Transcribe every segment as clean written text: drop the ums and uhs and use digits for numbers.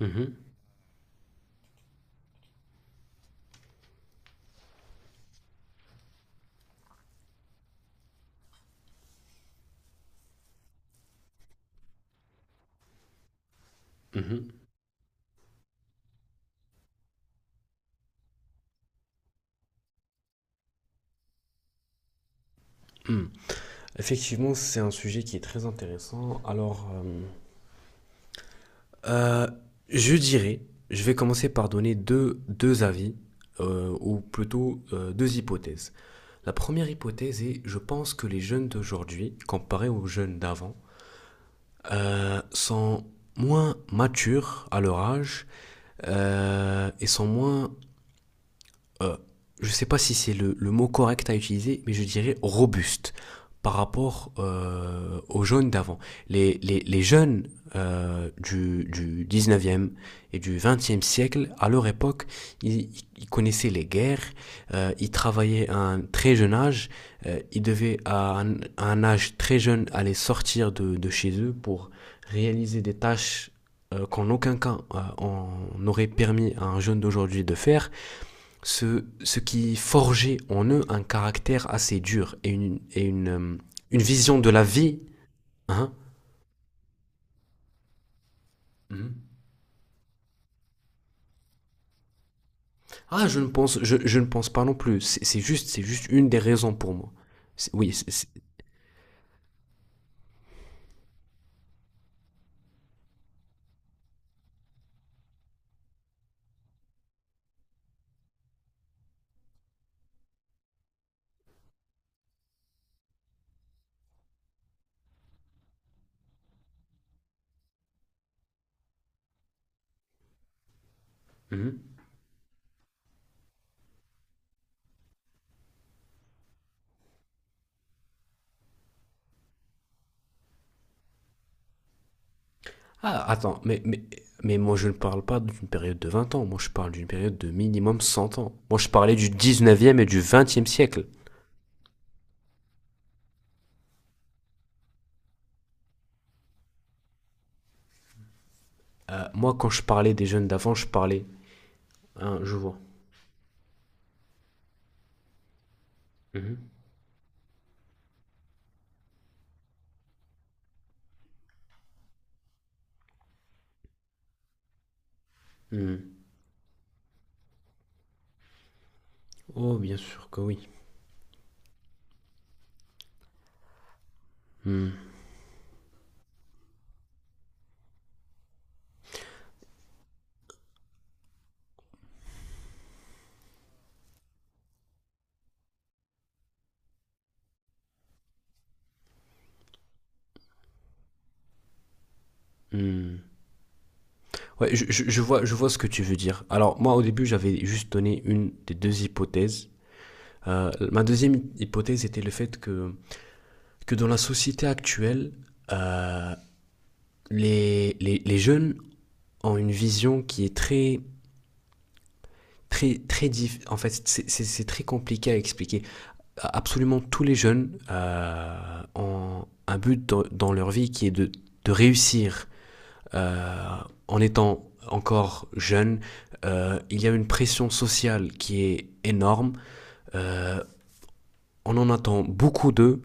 Mhm, mhm, mhm. Effectivement, c'est un sujet qui est très intéressant. Alors, euh, je dirais, je vais commencer par donner deux avis, ou plutôt deux hypothèses. La première hypothèse est, je pense que les jeunes d'aujourd'hui, comparés aux jeunes d'avant, sont moins matures à leur âge, et sont moins, je ne sais pas si c'est le mot correct à utiliser, mais je dirais robuste par rapport aux jeunes d'avant. Les jeunes du 19e et du 20e siècle, à leur époque, ils, ils connaissaient les guerres, ils travaillaient à un très jeune âge, ils devaient à un âge très jeune aller sortir de chez eux pour réaliser des tâches, qu'en aucun cas on aurait permis à un jeune d'aujourd'hui de faire ce qui forgeait en eux un caractère assez dur et une une vision de la vie. Hein. Mhm. Ah, je ne pense pas non plus. C'est juste une des raisons pour moi. Oui. Mhm. Ah, attends, mais moi je ne parle pas d'une période de 20 ans, moi je parle d'une période de minimum 100 ans. Moi je parlais du 19e et du 20e siècle. Moi quand je parlais des jeunes d'avant, je parlais. Hein, je vois. Mhm. Mhm. Oh, bien sûr que oui. Hmm. Ouais, je vois ce que tu veux dire. Alors, moi, au début, j'avais juste donné une des deux hypothèses. Ma deuxième hypothèse était le fait que dans la société actuelle, euh, les jeunes ont une vision qui est très, très, très. En fait, c'est très compliqué à expliquer. Absolument tous les jeunes ont un but dans leur vie qui est de réussir. euh, en étant encore jeune, il y a une pression sociale qui est énorme. euh, on en attend beaucoup d'eux.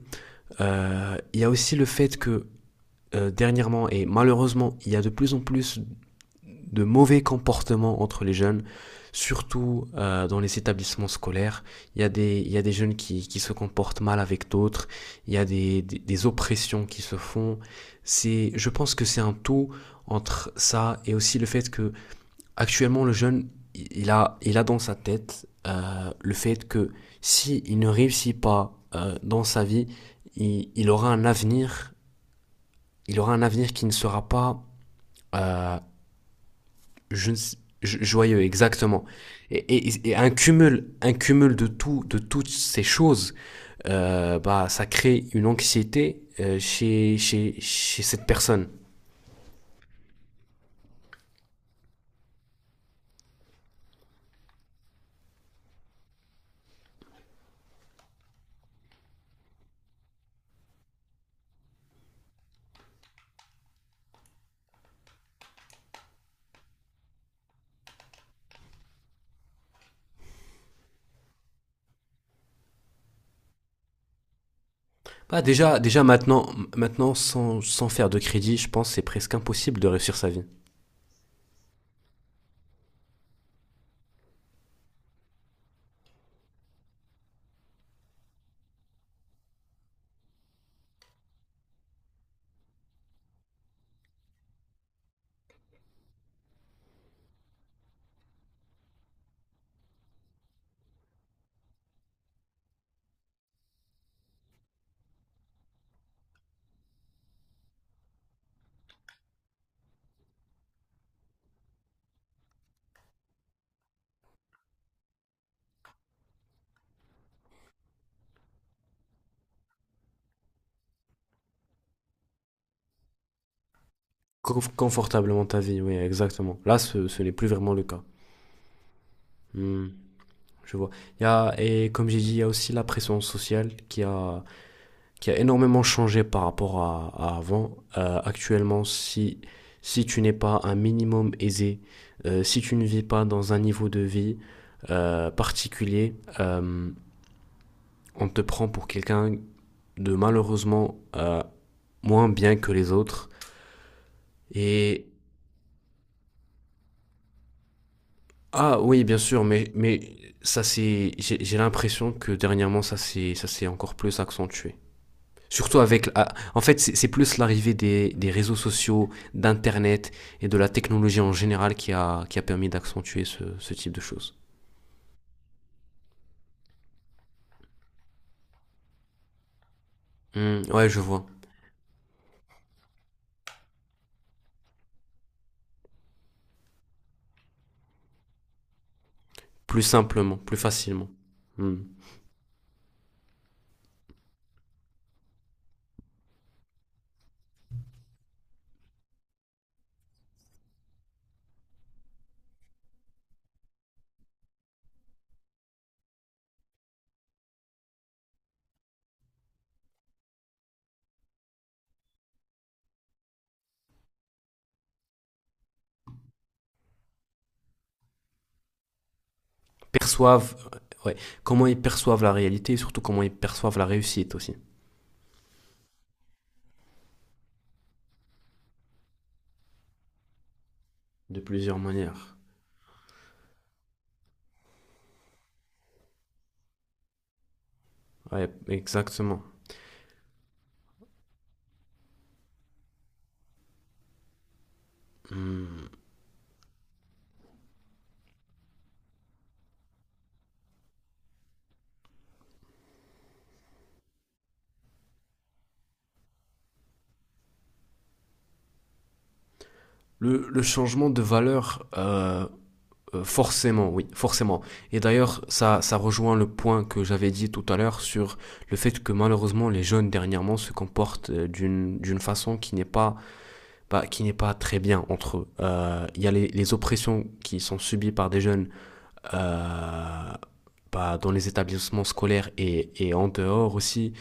Il y a aussi le fait que, dernièrement et malheureusement il y a de plus en plus de mauvais comportements entre les jeunes, surtout dans les établissements scolaires. Il y a des jeunes qui se comportent mal avec d'autres, il y a des oppressions qui se font. C'est, je pense que c'est un tout entre ça et aussi le fait que. Actuellement, le jeune, il a dans sa tête, le fait que si il ne réussit pas, dans sa vie, il aura un avenir qui ne sera pas, euh, je ne sais- joyeux, exactement. Et un cumul de tout, de toutes ces choses, bah, ça crée une anxiété, chez cette personne. Bah, déjà maintenant sans faire de crédit, je pense que c'est presque impossible de réussir sa vie. Confortablement ta vie, oui, exactement. Là, ce n'est plus vraiment le cas. Hmm, je vois. Et comme j'ai dit, il y a aussi la pression sociale qui a énormément changé par rapport à avant. Actuellement, si tu n'es pas un minimum aisé, si tu ne vis pas dans un niveau de vie, particulier, on te prend pour quelqu'un de, malheureusement, moins bien que les autres. Et Ah oui, bien sûr, mais j'ai l'impression que dernièrement ça s'est encore plus accentué. Surtout avec, en fait, c'est plus l'arrivée des réseaux sociaux, d'Internet et de la technologie en général qui a permis d'accentuer ce type de choses. Hmm, ouais, je vois. Plus simplement, plus facilement. Hmm. Perçoivent, euh, ouais, comment ils perçoivent la réalité et surtout comment ils perçoivent la réussite aussi. De plusieurs manières. Ouais, exactement. Hmm. Le changement de valeur, forcément, oui, forcément. Et d'ailleurs, ça rejoint le point que j'avais dit tout à l'heure sur le fait que malheureusement les jeunes dernièrement se comportent, d'une façon qui n'est pas, bah, qui n'est pas très bien entre eux. Il y a les oppressions qui sont subies par des jeunes, euh, bah, dans les établissements scolaires et en dehors aussi.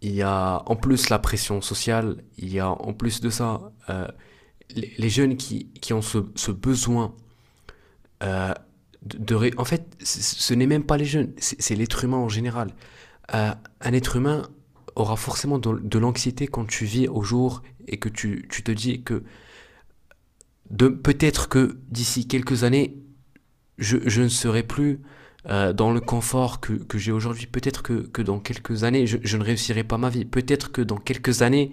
Il y a en plus la pression sociale, il y a en plus de ça, les jeunes qui ont ce besoin, euh, de, de ré- En fait, c- ce n'est même pas les jeunes, c'est l'être humain en général. Euh, un être humain aura forcément de l'anxiété quand tu vis au jour et que tu te dis que, peut-être que d'ici quelques années, je ne serai plus, dans le confort que j'ai aujourd'hui. Peut-être que dans quelques années, je ne réussirai pas ma vie. Peut-être que dans quelques années…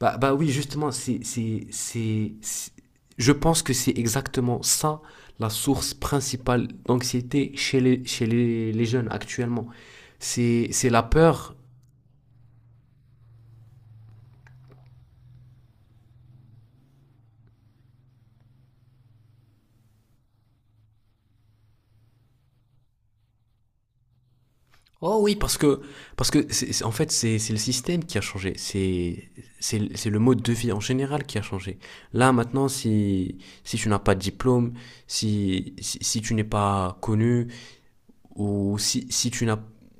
Bah oui, justement, je pense que c'est exactement ça, la source principale d'anxiété chez les jeunes actuellement. C'est la peur. Oh oui, parce que, en fait, c'est le système qui a changé. C'est le mode de vie en général qui a changé. Là, maintenant, si tu n'as pas de diplôme, si tu n'es pas connu, ou si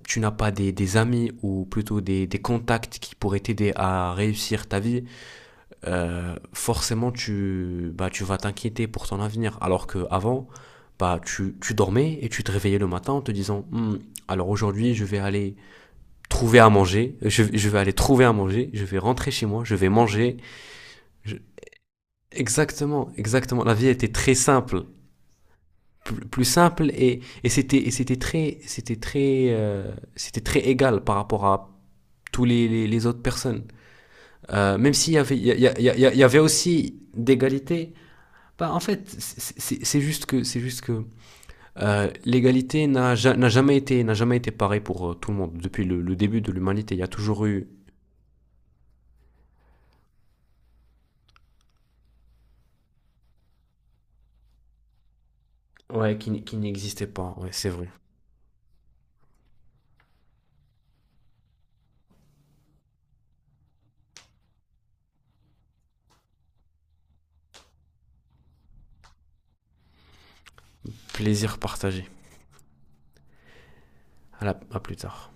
tu n'as pas des amis ou plutôt des contacts qui pourraient t'aider à réussir ta vie, forcément bah, tu vas t'inquiéter pour ton avenir. Alors qu'avant, bah, tu dormais et tu te réveillais le matin en te disant: Hmm, alors aujourd'hui je vais aller trouver à manger, je vais rentrer chez moi, je vais manger. Je- Exactement, exactement. La vie était très simple. Plus simple et c'était très égal par rapport à tous les autres personnes. Même s'il y avait, il y, y, y y avait aussi, d'égalité. Bah, en fait, c'est juste que l'égalité n'a jamais été pareil pour tout le monde. Depuis le début de l'humanité, il y a toujours eu. Ouais, qui n'existait pas. Ouais, c'est vrai. Plaisir partagé. À plus tard.